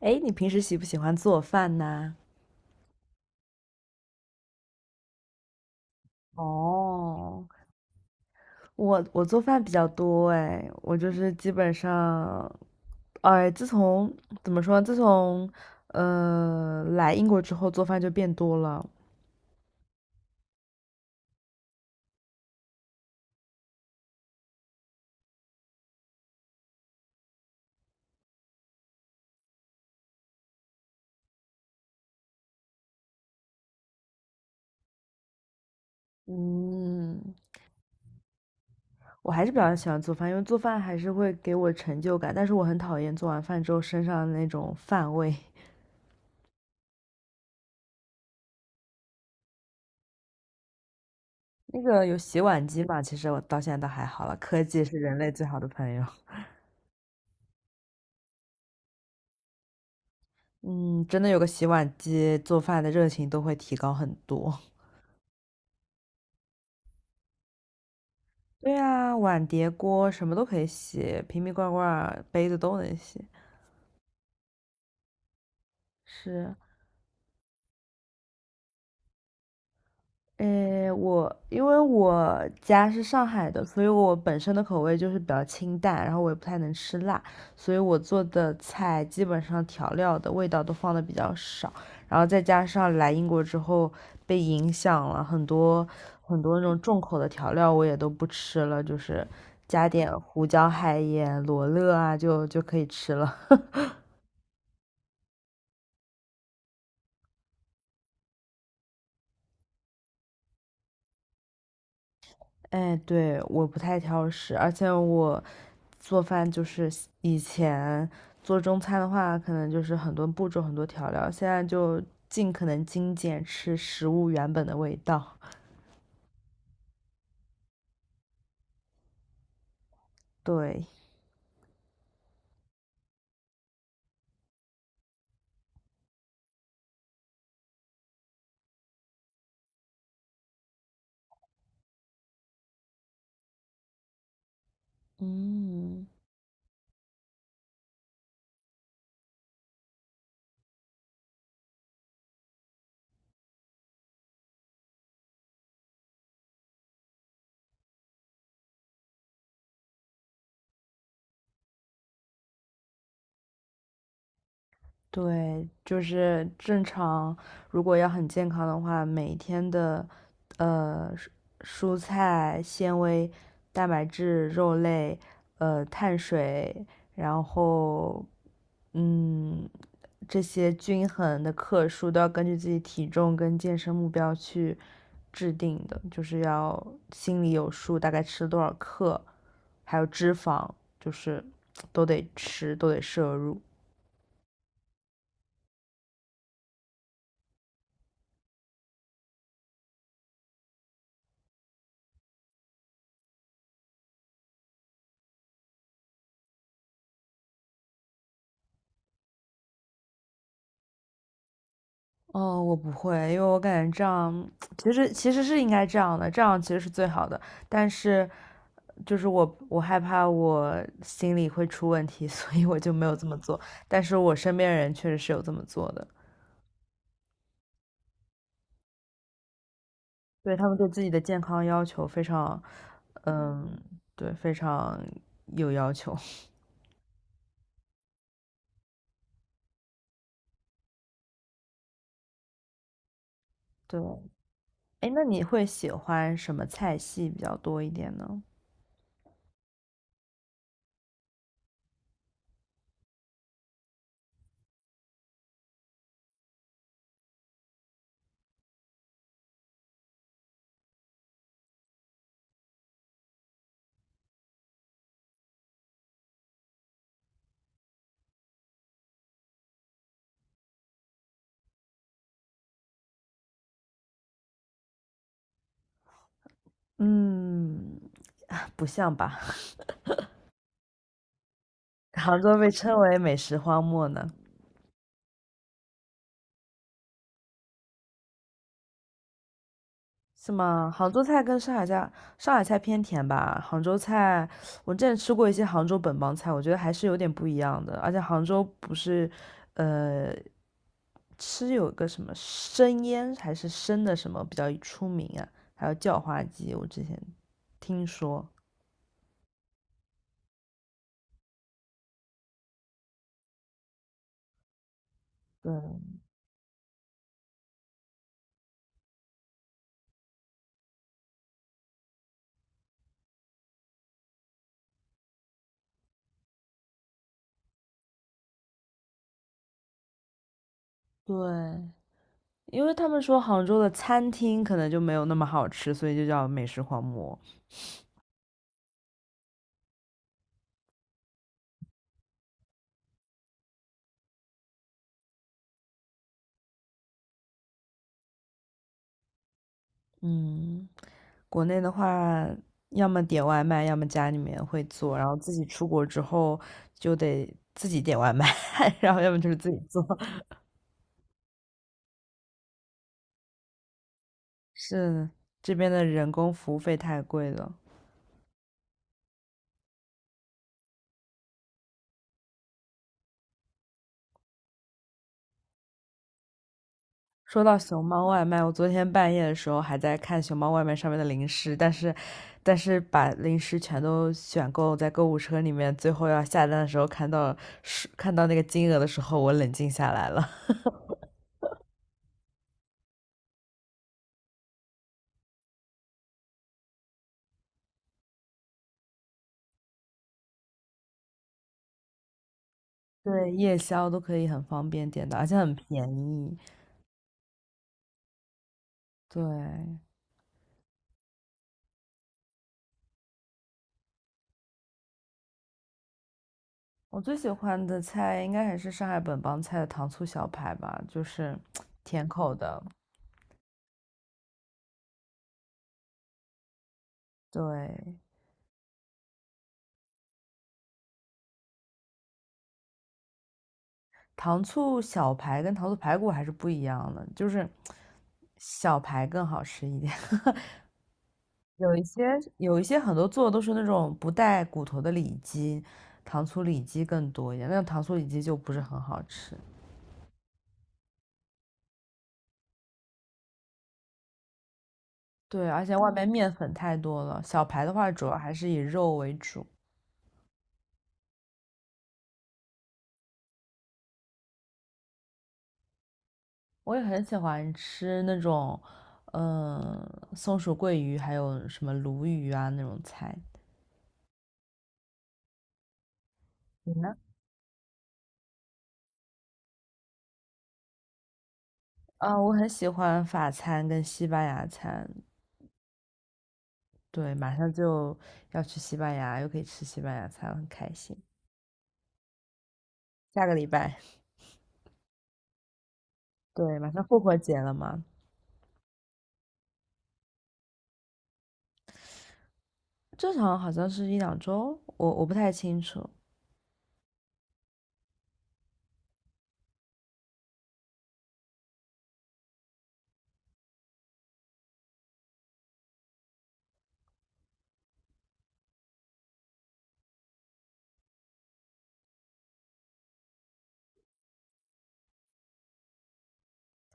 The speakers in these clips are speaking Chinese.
哎，你平时喜不喜欢做饭呢？哦，我做饭比较多哎，我就是基本上，哎，自从怎么说，自从来英国之后，做饭就变多了。嗯，我还是比较喜欢做饭，因为做饭还是会给我成就感，但是我很讨厌做完饭之后身上的那种饭味。那个有洗碗机嘛，其实我到现在倒还好了，科技是人类最好的朋友。嗯，真的有个洗碗机，做饭的热情都会提高很多。对啊，碗碟锅什么都可以洗，瓶瓶罐罐杯子都能洗。是，诶，我因为我家是上海的，所以我本身的口味就是比较清淡，然后我也不太能吃辣，所以我做的菜基本上调料的味道都放的比较少，然后再加上来英国之后被影响了很多，很多那种重口的调料，我也都不吃了，就是加点胡椒、海盐、罗勒啊，就可以吃了。哎，对，我不太挑食，而且我做饭就是以前做中餐的话，可能就是很多步骤、很多调料，现在就尽可能精简，吃食物原本的味道。对，嗯，对，就是正常，如果要很健康的话，每天的呃蔬菜、纤维、蛋白质、肉类、碳水，然后嗯，这些均衡的克数都要根据自己体重跟健身目标去制定的，就是要心里有数，大概吃多少克，还有脂肪，就是 都得吃，都得摄入。哦，我不会，因为我感觉这样其实是应该这样的，这样其实是最好的。但是就是我害怕我心里会出问题，所以我就没有这么做。但是我身边人确实是有这么做的，对，他们对自己的健康要求非常，嗯，对，非常有要求。对，哎，那你会喜欢什么菜系比较多一点呢？嗯，不像吧？杭州被称 为美食荒漠呢。是吗？杭州菜跟上海菜，上海菜偏甜吧。杭州菜，我之前吃过一些杭州本帮菜，我觉得还是有点不一样的。而且杭州不是，呃，吃有个什么生腌还是生的什么比较出名啊？还有叫花鸡，我之前听说。对对，因为他们说杭州的餐厅可能就没有那么好吃，所以就叫美食荒漠。嗯，国内的话，要么点外卖，要么家里面会做，然后自己出国之后就得自己点外卖，然后要么就是自己做。是，这边的人工服务费太贵了。说到熊猫外卖，我昨天半夜的时候还在看熊猫外卖上面的零食，但是，但是把零食全都选购在购物车里面，最后要下单的时候看到那个金额的时候，我冷静下来了。对，夜宵都可以很方便点的，而且很便宜。对，我最喜欢的菜应该还是上海本帮菜的糖醋小排吧，就是 甜口的。对，糖醋小排跟糖醋排骨还是不一样的，就是 小排更好吃一点。有一些有一些很多做的都是那种不带骨头的里脊，糖醋里脊更多一点，那种糖醋里脊就不是很好吃。对，而且外面面粉太多了。小排的话，主要还是以肉为主。我也很喜欢吃那种，嗯，松鼠桂鱼，还有什么鲈鱼啊那种菜。你呢？啊，我很喜欢法餐跟西班牙餐。对，马上就要去西班牙，又可以吃西班牙餐，很开心。下个礼拜，对，马上复活节了嘛，正常好像是一两周，我不太清楚。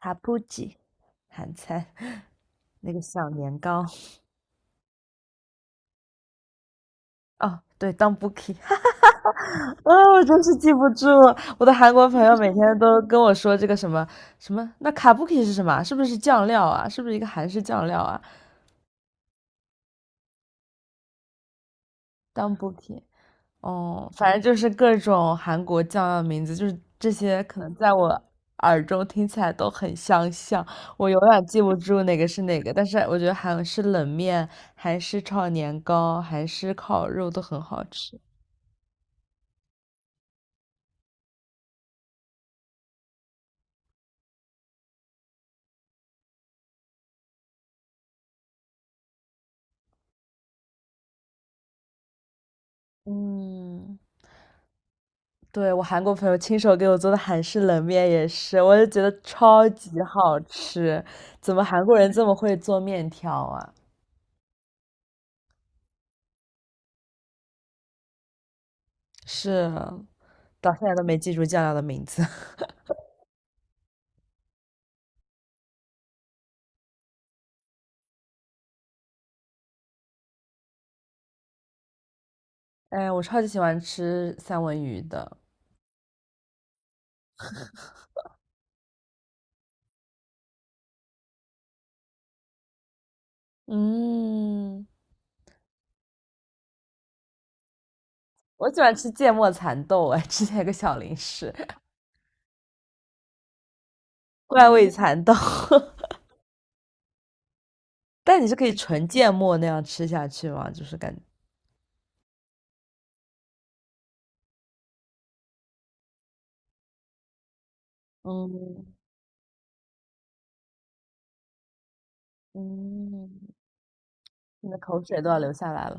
塔布吉，韩餐，那个小年糕。哦，对，当 Bookie 啊，我真是记不住了，我的韩国朋友每天都跟我说这个什么什么，那卡 b o o k i 是什么啊，是不是酱料啊？是不是一个韩式酱料啊？当 Bookie，哦，反正就是各种韩国酱料的名字，就是这些，可能在我耳中听起来都很相像，我永远记不住哪个是哪个。但是我觉得韩式冷面、韩式炒年糕、韩式烤肉都很好吃。嗯。对，我韩国朋友亲手给我做的韩式冷面也是，我就觉得超级好吃。怎么韩国人这么会做面条啊？是，到现在都没记住酱料的名字。哎，我超级喜欢吃三文鱼的。嗯，我喜欢吃芥末蚕豆，哎，之前有个小零食，怪味蚕豆。但你是可以纯芥末那样吃下去吗？就是感觉，嗯嗯，你的口水都要流下来了。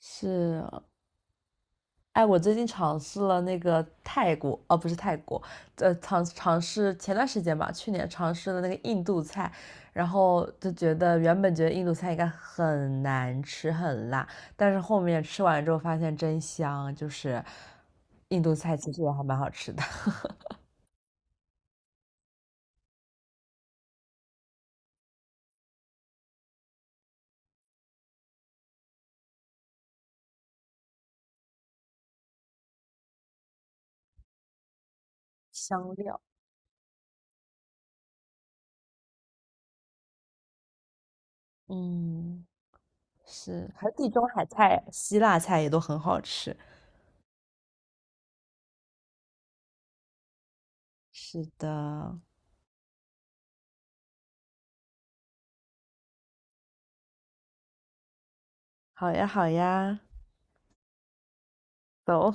是，哎，我最近尝试了那个泰国，哦，不是泰国，尝试前段时间吧，去年尝试了那个印度菜，然后就觉得原本觉得印度菜应该很难吃很辣，但是后面吃完之后发现真香，就是印度菜其实也还蛮好吃的，香料，嗯，是，还有地中海菜、希腊菜也都很好吃。是的，好呀好呀，走。